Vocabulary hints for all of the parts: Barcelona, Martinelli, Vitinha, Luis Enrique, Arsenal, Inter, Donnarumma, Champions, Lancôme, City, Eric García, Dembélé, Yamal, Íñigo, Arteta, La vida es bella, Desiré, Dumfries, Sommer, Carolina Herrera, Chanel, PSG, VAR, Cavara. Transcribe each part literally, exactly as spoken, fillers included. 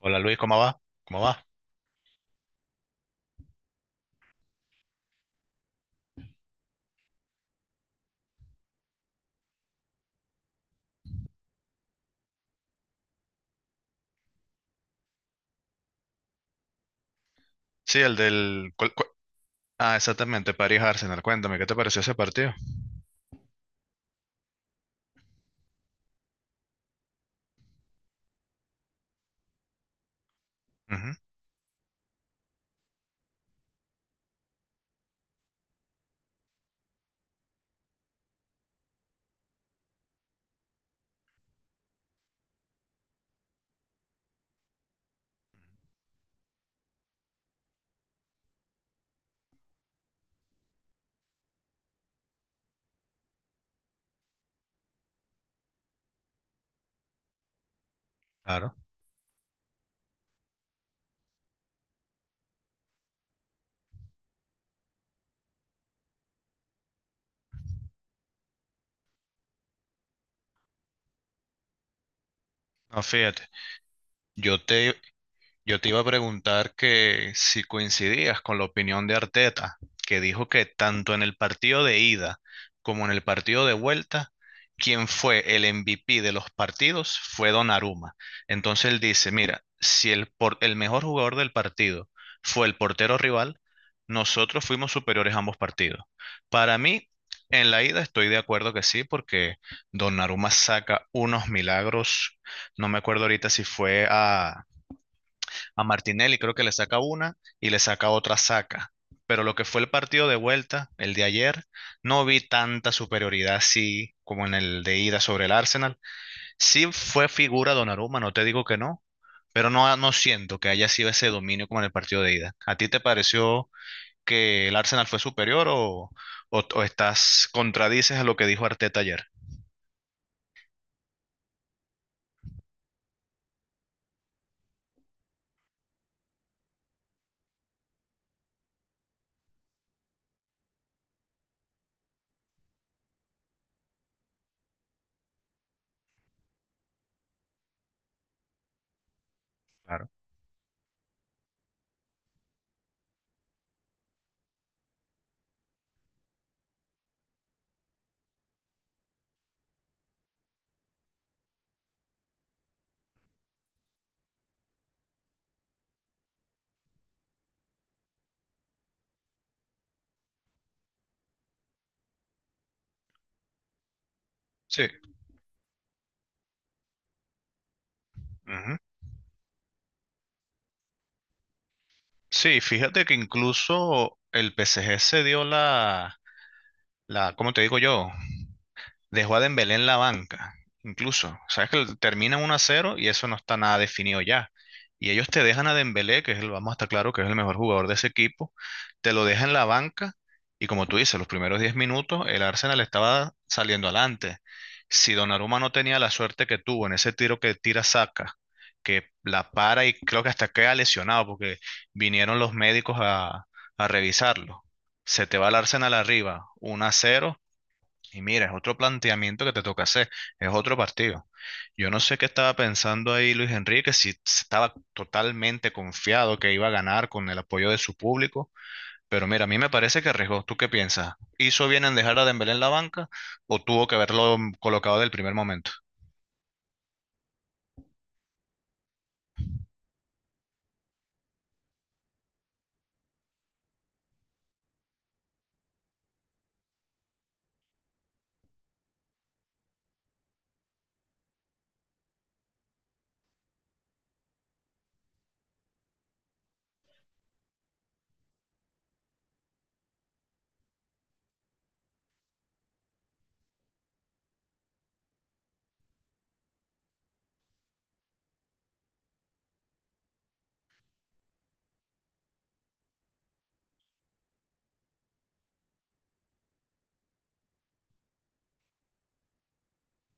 Hola Luis, ¿cómo va? ¿Cómo va? Sí, el del... cuál- cuál- Ah, exactamente, París Arsenal. Cuéntame, ¿qué te pareció ese partido? Ujú, claro. No, fíjate, yo te, Yo te iba a preguntar que si coincidías con la opinión de Arteta, que dijo que tanto en el partido de ida como en el partido de vuelta, quien fue el M V P de los partidos fue Donnarumma. Entonces él dice, mira, si el, por- el mejor jugador del partido fue el portero rival, nosotros fuimos superiores a ambos partidos. Para mí, en la ida estoy de acuerdo que sí, porque Donnarumma saca unos milagros. No me acuerdo ahorita si fue a a Martinelli, creo que le saca una y le saca otra saca. Pero lo que fue el partido de vuelta, el de ayer, no vi tanta superioridad así como en el de ida sobre el Arsenal. Sí fue figura Donnarumma, no te digo que no, pero no, no siento que haya sido ese dominio como en el partido de ida. ¿A ti te pareció que el Arsenal fue superior o, o, o estás contradices a lo que dijo Arteta ayer? Claro. Sí. Ujú. Sí, fíjate que incluso el P S G se dio la, la, ¿cómo te digo yo? Dejó a Dembélé en la banca, incluso. Sabes que termina uno a cero y eso no está nada definido ya. Y ellos te dejan a Dembélé, que es el, vamos a estar claro que es el mejor jugador de ese equipo, te lo dejan en la banca y como tú dices, los primeros diez minutos el Arsenal estaba saliendo adelante. Si Donnarumma no tenía la suerte que tuvo en ese tiro que tira saca, que la para y creo que hasta queda lesionado porque vinieron los médicos a, a revisarlo. Se te va el Arsenal arriba, uno a cero y mira, es otro planteamiento que te toca hacer, es otro partido. Yo no sé qué estaba pensando ahí Luis Enrique, si estaba totalmente confiado que iba a ganar con el apoyo de su público, pero mira, a mí me parece que arriesgó. ¿Tú qué piensas? ¿Hizo bien en dejar a Dembélé en la banca o tuvo que haberlo colocado del primer momento?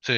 Sí.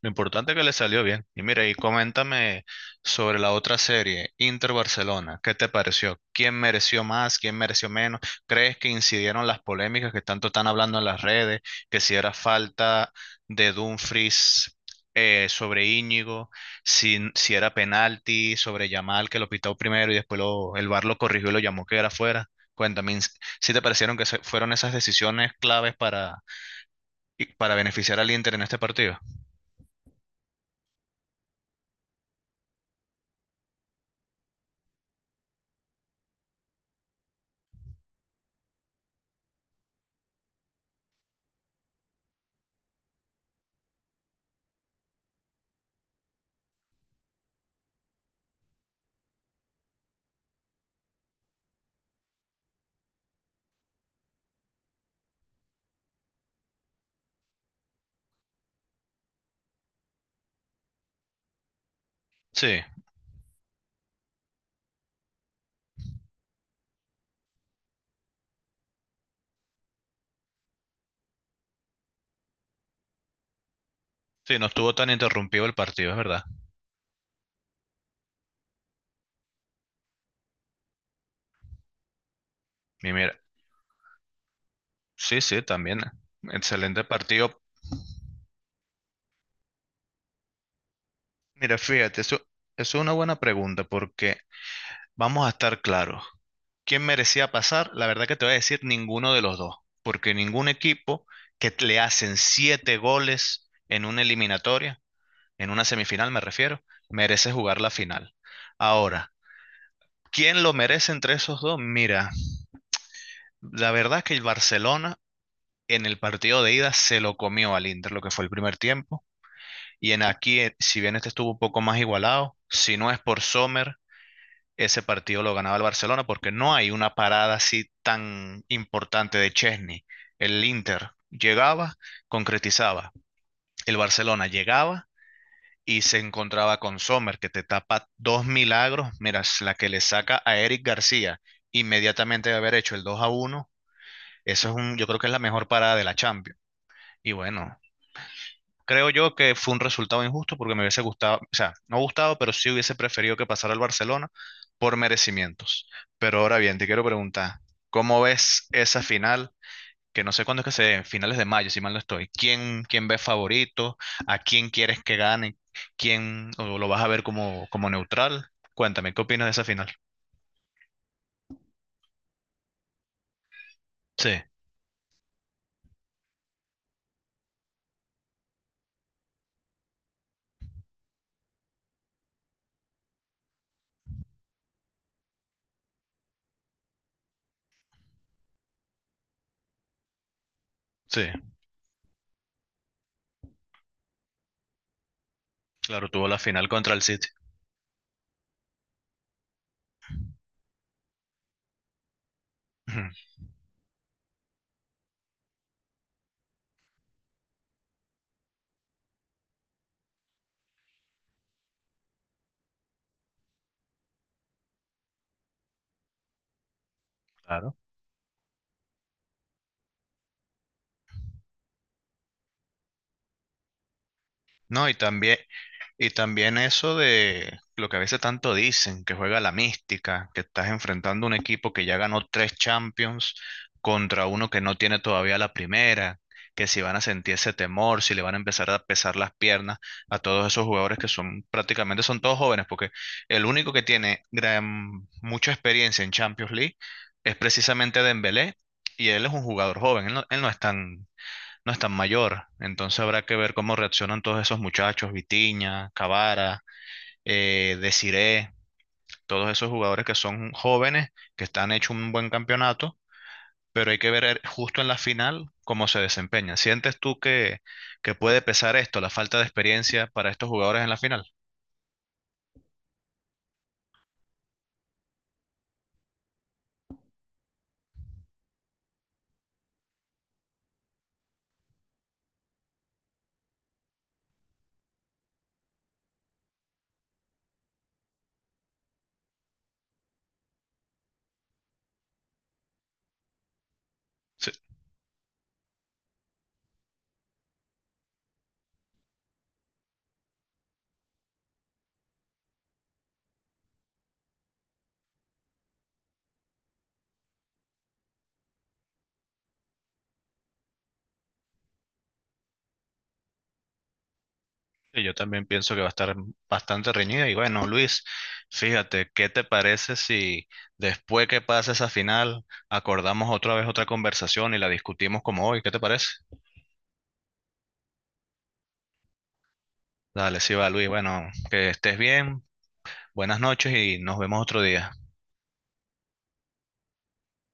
Lo importante es que le salió bien. Y mira, y coméntame sobre la otra serie, Inter Barcelona. ¿Qué te pareció? ¿Quién mereció más? ¿Quién mereció menos? ¿Crees que incidieron las polémicas que tanto están hablando en las redes? Que si era falta de Dumfries, eh, sobre Íñigo, si, si era penalti sobre Yamal, que lo pitó primero y después lo- el V A R lo corrigió y lo llamó que era fuera. Cuéntame, ins- ¿si te parecieron que se- fueron esas decisiones claves para, y para beneficiar al Inter en este partido? Sí. Sí, no estuvo tan interrumpido el partido, es verdad. Y mira, sí, sí, también. Excelente partido. Mira, fíjate, eso, eso es una buena pregunta porque vamos a estar claros. ¿Quién merecía pasar? La verdad que te voy a decir ninguno de los dos, porque ningún equipo que t- le hacen siete goles en una eliminatoria, en una semifinal me refiero, merece jugar la final. Ahora, ¿quién lo merece entre esos dos? Mira, la verdad que el Barcelona en el partido de ida se lo comió al Inter, lo que fue el primer tiempo. Y en aquí, eh, si bien este estuvo un poco más igualado, si no es por Sommer, ese partido lo ganaba el Barcelona porque no hay una parada así tan importante de Chesney. El Inter llegaba, concretizaba. El Barcelona llegaba y se encontraba con Sommer, que te tapa dos milagros. Mira, es la que le saca a Eric García inmediatamente de haber hecho el dos a uno. Eso es un, yo creo que es la mejor parada de la Champions. Y bueno, creo yo que fue un resultado injusto porque me hubiese gustado, o sea, no gustado, pero sí hubiese preferido que pasara al Barcelona por merecimientos. Pero ahora bien, te quiero preguntar, ¿cómo ves esa final? Que no sé cuándo es que se dé, finales de mayo, si mal no estoy. ¿Quién, quién ves favorito? ¿A quién quieres que gane? ¿Quién o lo vas a ver como, como neutral? Cuéntame, ¿qué opinas de esa final? Sí, sí, claro, tuvo la final contra el City. Ujú. Claro. No, y también, Y también eso de lo que a veces tanto dicen, que juega la mística, que estás enfrentando un equipo que ya ganó tres Champions contra uno que no tiene todavía la primera, que si van a sentir ese temor, si le van a empezar a pesar las piernas a todos esos jugadores que son prácticamente son todos jóvenes, porque el único que tiene gran- mucha experiencia en Champions League es precisamente Dembélé, y él es un jugador joven, él no, él no es tan, no es tan mayor. Entonces habrá que ver cómo reaccionan todos esos muchachos, Vitinha, Cavara, eh, Desiré, todos esos jugadores que son jóvenes, que están hecho un buen campeonato, pero hay que ver el- justo en la final cómo se desempeñan. ¿Sientes tú que, que puede pesar esto, la falta de experiencia para estos jugadores en la final? Sí. que Yo también pienso que va a estar bastante reñida. Y bueno, Luis, fíjate, ¿qué te parece si después que pase esa final acordamos otra vez otra conversación y la discutimos como hoy? ¿Qué te parece? Dale, sí va, Luis. Bueno, que estés bien, buenas noches y nos vemos otro día.